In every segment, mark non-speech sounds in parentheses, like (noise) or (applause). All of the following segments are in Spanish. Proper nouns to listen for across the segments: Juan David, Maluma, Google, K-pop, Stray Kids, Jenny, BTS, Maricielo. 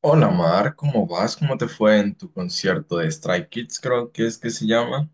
Hola Mar, ¿cómo vas? ¿Cómo te fue en tu concierto de Stray Kids? Creo que es que se llama.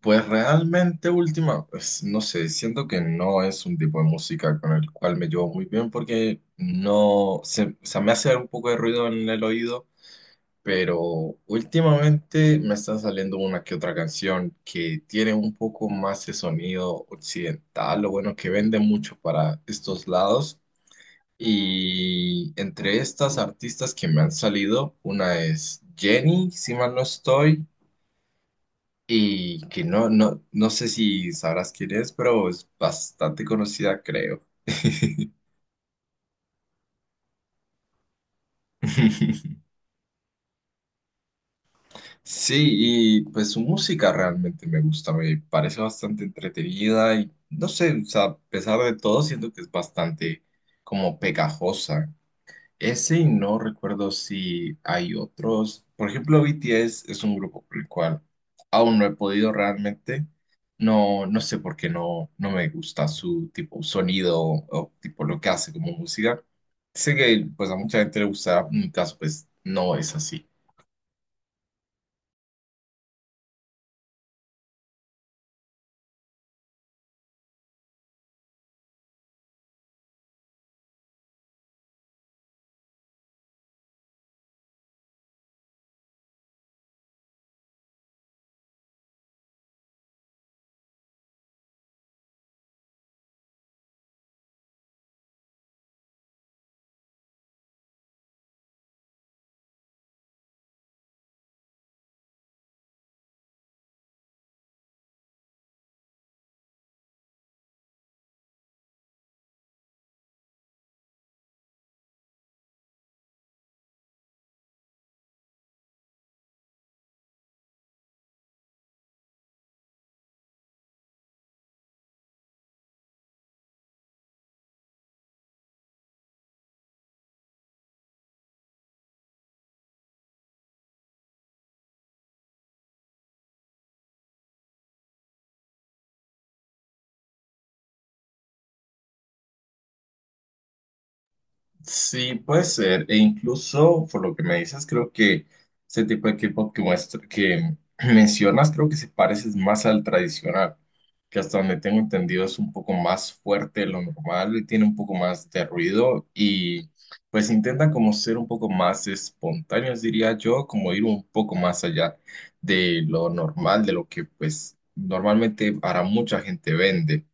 Pues realmente última, pues no sé, siento que no es un tipo de música con el cual me llevo muy bien porque no, se, o sea, me hace un poco de ruido en el oído, pero últimamente me está saliendo una que otra canción que tiene un poco más de sonido occidental, lo bueno que vende mucho para estos lados. Y entre estas artistas que me han salido, una es Jenny, si mal no estoy, y que no sé si sabrás quién es, pero es bastante conocida, creo. (laughs) Sí, y pues su música realmente me gusta, me parece bastante entretenida y no sé, o sea, a pesar de todo, siento que es bastante como pegajosa. Ese y no recuerdo si hay otros. Por ejemplo, BTS es un grupo por el cual aún no he podido realmente. No, no sé por qué no, no me gusta su tipo sonido o tipo lo que hace como música. Sé que pues a mucha gente le gusta, en mi caso pues no es así. Sí, puede ser. E incluso, por lo que me dices, creo que ese tipo de K-pop que muestra, que (clears throat) mencionas, creo que se parece más al tradicional, que hasta donde tengo entendido es un poco más fuerte de lo normal, y tiene un poco más de ruido y pues intenta como ser un poco más espontáneos, diría yo, como ir un poco más allá de lo normal, de lo que pues normalmente para mucha gente vende.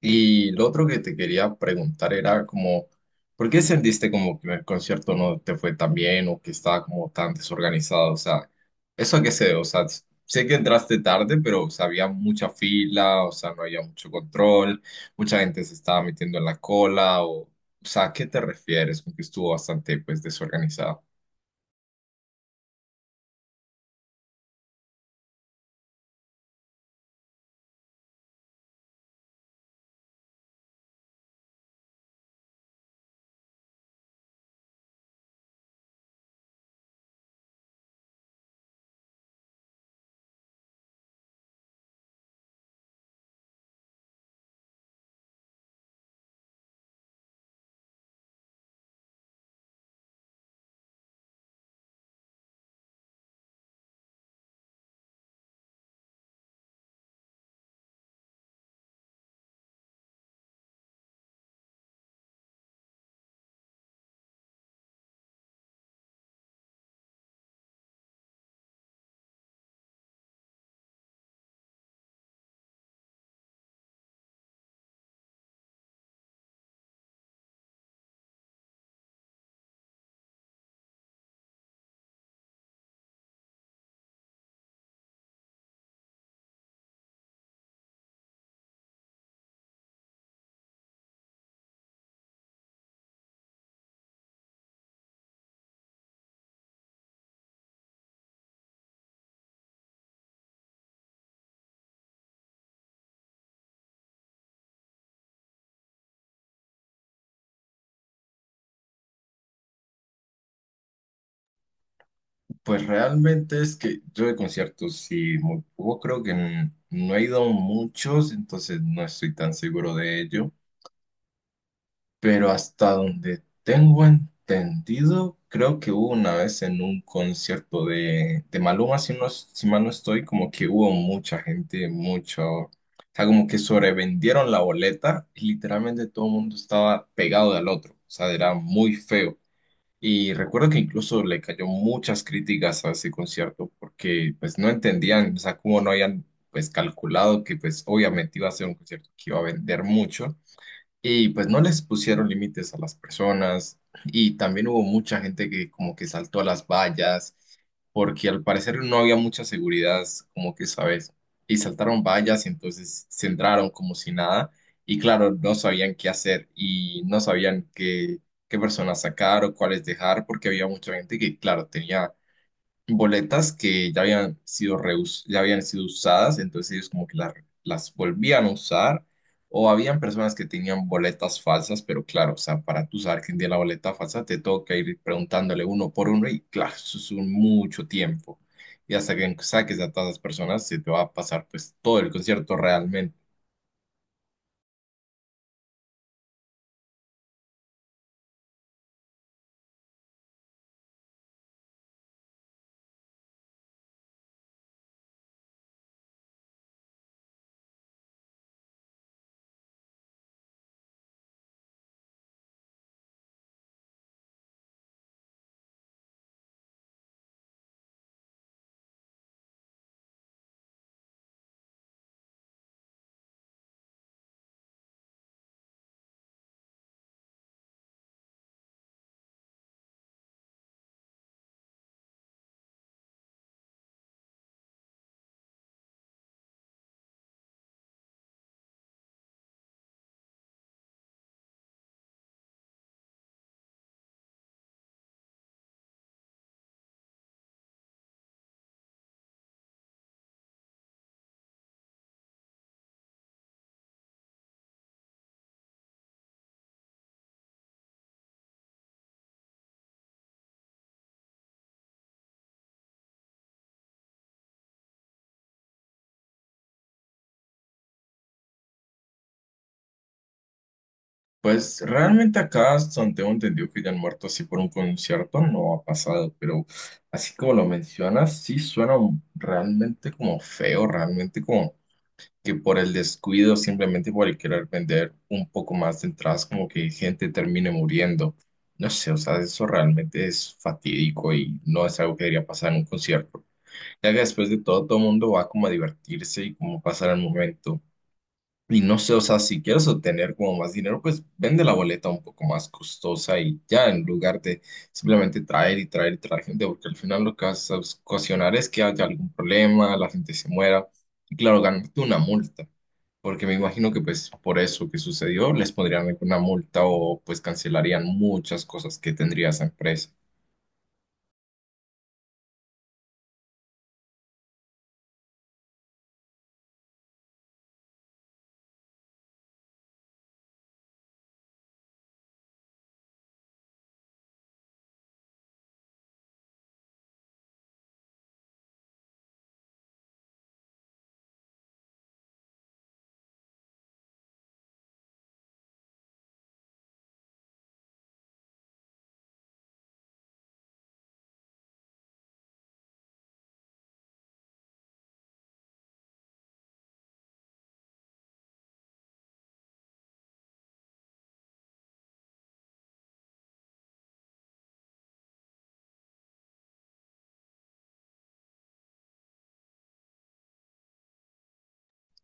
Y lo otro que te quería preguntar era como, ¿por qué sentiste como que el concierto no te fue tan bien o que estaba como tan desorganizado? O sea, ¿eso a qué se debe? O sea, s- sé que entraste tarde, pero o sea, había mucha fila, o sea, no había mucho control, mucha gente se estaba metiendo en la cola, o sea, ¿a qué te refieres con que estuvo bastante pues desorganizado? Pues realmente es que yo de conciertos sí muy poco, creo que n- no he ido a muchos, entonces no estoy tan seguro de ello. Pero hasta donde tengo entendido, creo que hubo una vez en un concierto de Maluma, si, no, si mal no estoy, como que hubo mucha gente, mucho, o sea, como que sobrevendieron la boleta y literalmente todo el mundo estaba pegado del otro, o sea, era muy feo. Y recuerdo que incluso le cayó muchas críticas a ese concierto porque pues no entendían, o sea, cómo no habían pues calculado que pues obviamente iba a ser un concierto que iba a vender mucho y pues no les pusieron límites a las personas y también hubo mucha gente que como que saltó a las vallas porque al parecer no había mucha seguridad, como que sabes, y saltaron vallas y entonces se entraron como si nada y claro, no sabían qué hacer y no sabían qué, qué personas sacar o cuáles dejar porque había mucha gente que claro, tenía boletas que ya habían sido reus- ya habían sido usadas, entonces ellos como que la- las volvían a usar, o habían personas que tenían boletas falsas, pero claro, o sea, para tú saber quién tiene la boleta falsa, te toca ir preguntándole uno por uno y claro, eso es un mucho tiempo. Y hasta que saques a todas las personas, se te va a pasar pues todo el concierto realmente. Pues realmente acá, hasta donde tengo entendido que ya han muerto así por un concierto, no ha pasado, pero así como lo mencionas, sí suena un- realmente como feo, realmente como que por el descuido, simplemente por el querer vender un poco más de entradas, como que gente termine muriendo. No sé, o sea, eso realmente es fatídico y no es algo que debería pasar en un concierto, ya que después de todo, todo el mundo va como a divertirse y como pasar el momento. Y no sé, o sea, si quieres obtener como más dinero, pues vende la boleta un poco más costosa y ya, en lugar de simplemente traer y traer y traer gente, porque al final lo que vas a ocasionar es que haya algún problema, la gente se muera. Y claro, ganarte una multa, porque me imagino que pues por eso que sucedió les pondrían una multa o pues cancelarían muchas cosas que tendría esa empresa.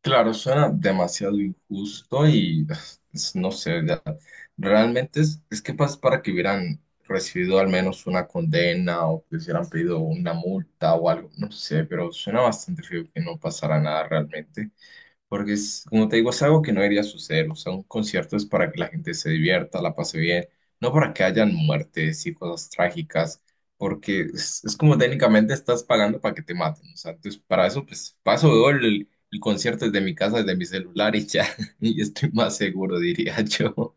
Claro, suena demasiado injusto y (sighs) es- no sé, ya, realmente es que pas- para que hubieran recibido al menos una condena o que hubieran pedido una multa o algo, no sé, pero suena bastante feo que no pasara nada realmente. Porque es, como te digo, es algo que no debería suceder. O sea, un concierto es para que la gente se divierta, la pase bien, no para que hayan muertes y cosas trágicas, porque es como técnicamente estás pagando para que te maten. O sea, entonces para eso, pues paso veo el concierto desde mi casa, desde mi celular y ya, (laughs) y estoy más seguro, diría (laughs) yo.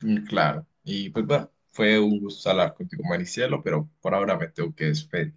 Mm, claro, y pues bueno, fue un gusto hablar contigo, Maricielo, pero por ahora me tengo que despedir.